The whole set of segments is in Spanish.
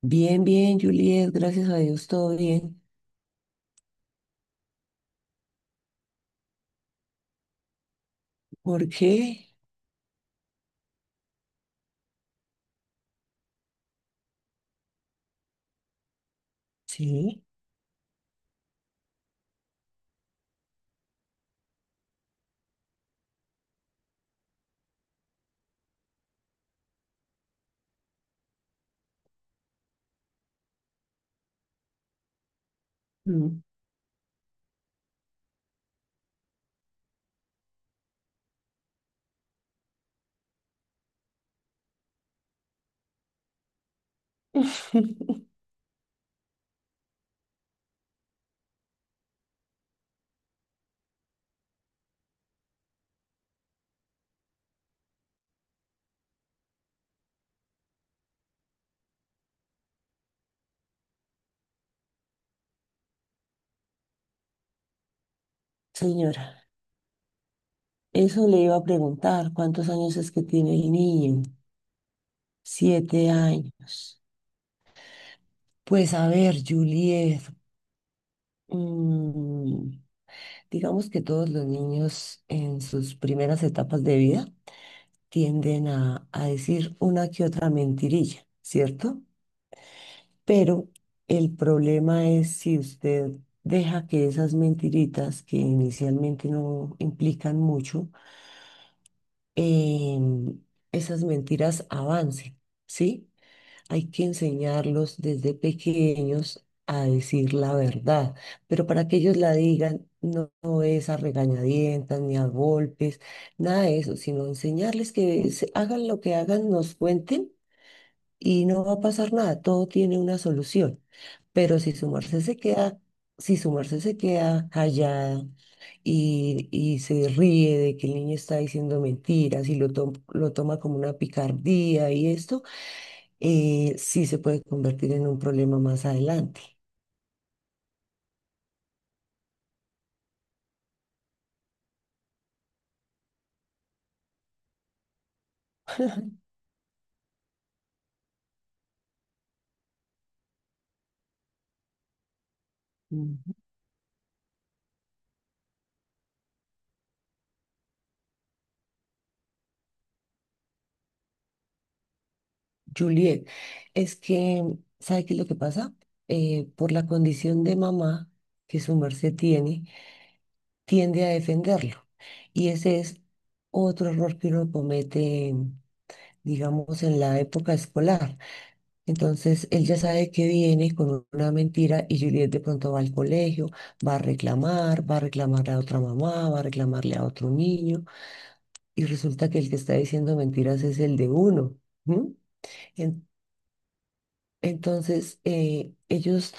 Bien, bien, Juliet, gracias a Dios, todo bien. ¿Por qué? Sí. Mm. Señora, eso le iba a preguntar, ¿cuántos años es que tiene el niño? 7 años. Pues a ver, Juliet, mm, digamos que todos los niños en sus primeras etapas de vida tienden a decir una que otra mentirilla, ¿cierto? Pero el problema es si usted deja que esas mentiritas que inicialmente no implican mucho, em, esas mentiras avancen, ¿sí? Hay que enseñarlos desde pequeños a decir la verdad, pero para que ellos la digan no es a regañadientas ni a golpes, nada de eso, sino enseñarles que hagan lo que hagan, nos cuenten y no va a pasar nada, todo tiene una solución. Pero si su merced se queda, si su merced se queda callada y, se ríe de que el niño está diciendo mentiras y lo toma como una picardía y esto, sí se puede convertir en un problema más adelante. Mm. Juliet, es que, ¿sabe qué es lo que pasa? Por la condición de mamá que su merced tiene, tiende a defenderlo. Y ese es otro error que uno comete, digamos, en la época escolar. Entonces, él ya sabe que viene con una mentira y Juliet de pronto va al colegio, va a reclamar, va a reclamarle a otra mamá, va a reclamarle a otro niño y resulta que el que está diciendo mentiras es el de uno. ¿M? En- Entonces, ellos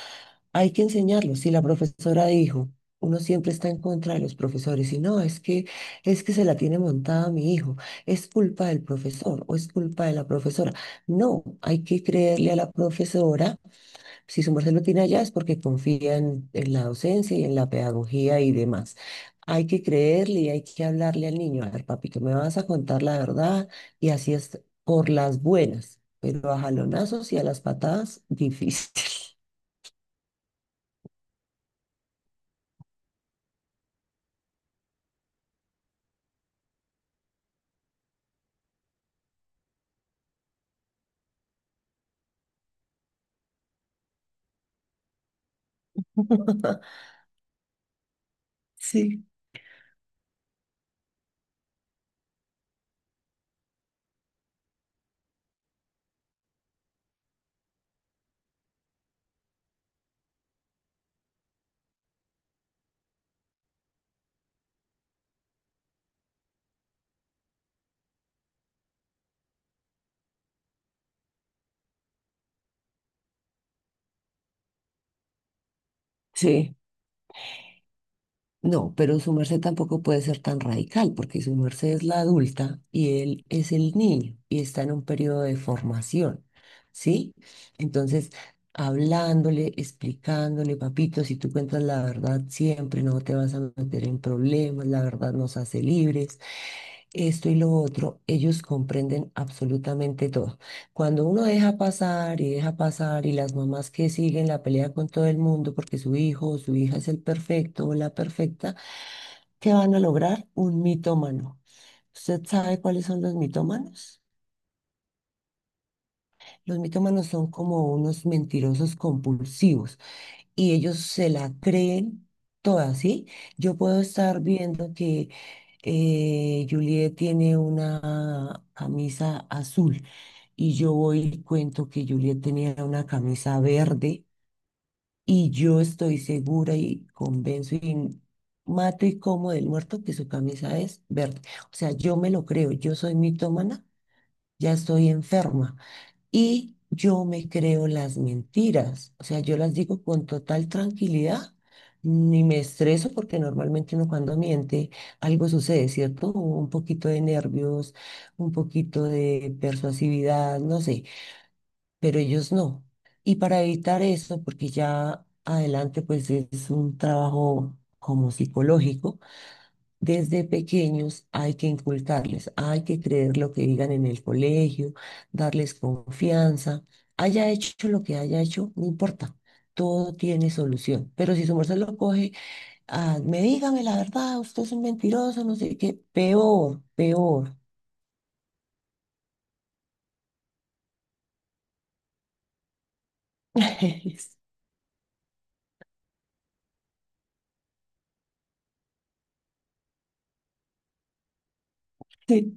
hay que enseñarlo. Si la profesora dijo, uno siempre está en contra de los profesores, y no, es que se la tiene montada mi hijo, es culpa del profesor o es culpa de la profesora. No, hay que creerle a la profesora. Si su merced lo tiene allá es porque confía en la docencia y en la pedagogía y demás. Hay que creerle y hay que hablarle al niño. A ver, papito, me vas a contar la verdad y así es por las buenas, pero a jalonazos y a las patadas, difícil. Sí. Sí, no, pero su merced tampoco puede ser tan radical, porque su merced es la adulta y él es el niño y está en un periodo de formación, ¿sí? Entonces, hablándole, explicándole, papito, si tú cuentas la verdad siempre, no te vas a meter en problemas, la verdad nos hace libres, esto y lo otro, ellos comprenden absolutamente todo. Cuando uno deja pasar y las mamás que siguen la pelea con todo el mundo porque su hijo o su hija es el perfecto o la perfecta, ¿qué van a lograr? Un mitómano. ¿Usted sabe cuáles son los mitómanos? Los mitómanos son como unos mentirosos compulsivos y ellos se la creen toda, ¿sí? Yo puedo estar viendo que Juliet tiene una camisa azul, y yo voy y cuento que Juliet tenía una camisa verde, y yo estoy segura y convenzo y mato y como del muerto que su camisa es verde. O sea, yo me lo creo, yo soy mitómana, ya estoy enferma y yo me creo las mentiras. O sea, yo las digo con total tranquilidad. Ni me estreso porque normalmente uno cuando miente algo sucede, ¿cierto? Un poquito de nervios, un poquito de persuasividad, no sé, pero ellos no. Y para evitar eso, porque ya adelante pues es un trabajo como psicológico, desde pequeños hay que inculcarles, hay que creer lo que digan en el colegio, darles confianza, haya hecho lo que haya hecho, no importa. Todo tiene solución, pero si su merced lo coge, ah, me dígame la verdad, usted es un mentiroso, no sé qué, peor, peor. Sí.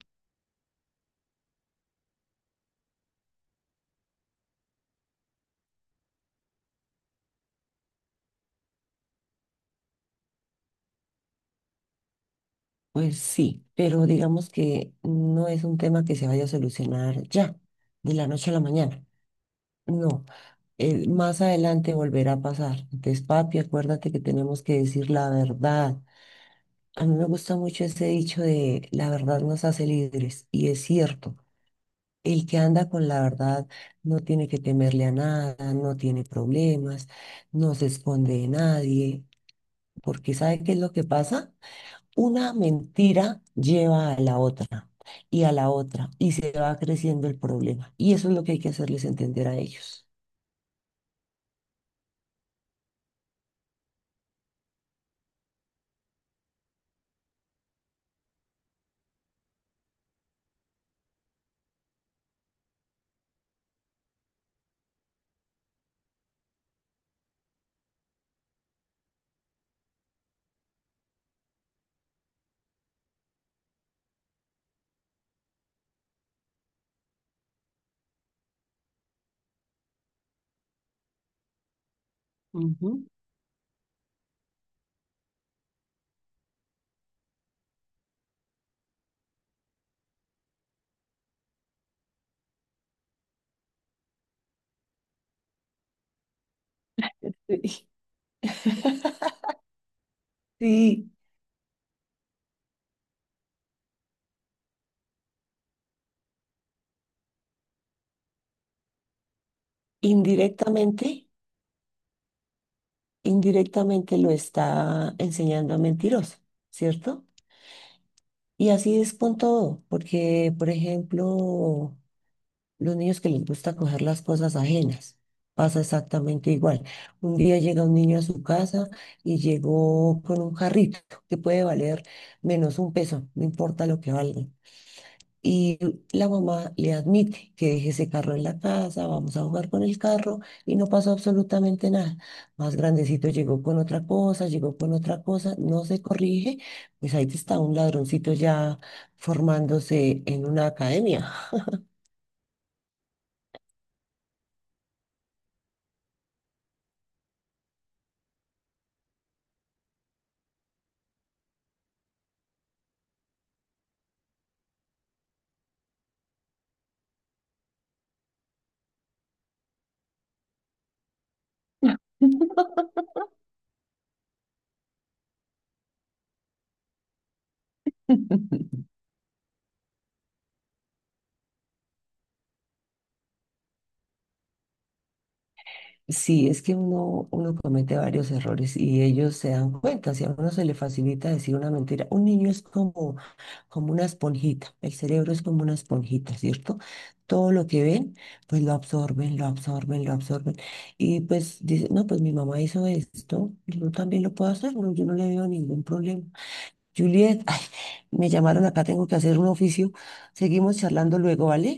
Pues sí, pero digamos que no es un tema que se vaya a solucionar ya, de la noche a la mañana. No, más adelante volverá a pasar. Entonces, papi, acuérdate que tenemos que decir la verdad. A mí me gusta mucho ese dicho de la verdad nos hace libres, y es cierto. El que anda con la verdad no tiene que temerle a nada, no tiene problemas, no se esconde de nadie, porque ¿sabe qué es lo que pasa? Una mentira lleva a la otra y a la otra y se va creciendo el problema. Y eso es lo que hay que hacerles entender a ellos. Ujú. Sí. Sí, indirectamente, indirectamente lo está enseñando a mentiroso, ¿cierto? Y así es con todo, porque, por ejemplo, los niños que les gusta coger las cosas ajenas, pasa exactamente igual. Un día llega un niño a su casa y llegó con un carrito que puede valer menos un peso, no importa lo que valga. Y la mamá le admite que deje ese carro en la casa, vamos a jugar con el carro y no pasó absolutamente nada. Más grandecito llegó con otra cosa, llegó con otra cosa, no se corrige, pues ahí está un ladroncito ya formándose en una academia. Sí, es que uno, uno comete varios errores y ellos se dan cuenta. Si a uno se le facilita decir una mentira, un niño es como, como una esponjita, el cerebro es como una esponjita, ¿cierto? Todo lo que ven, pues lo absorben, lo absorben, lo absorben. Y pues dicen, no, pues mi mamá hizo esto, yo también lo puedo hacer, no, yo no le veo ningún problema. Juliet, ay, me llamaron acá, tengo que hacer un oficio. Seguimos charlando luego, ¿vale?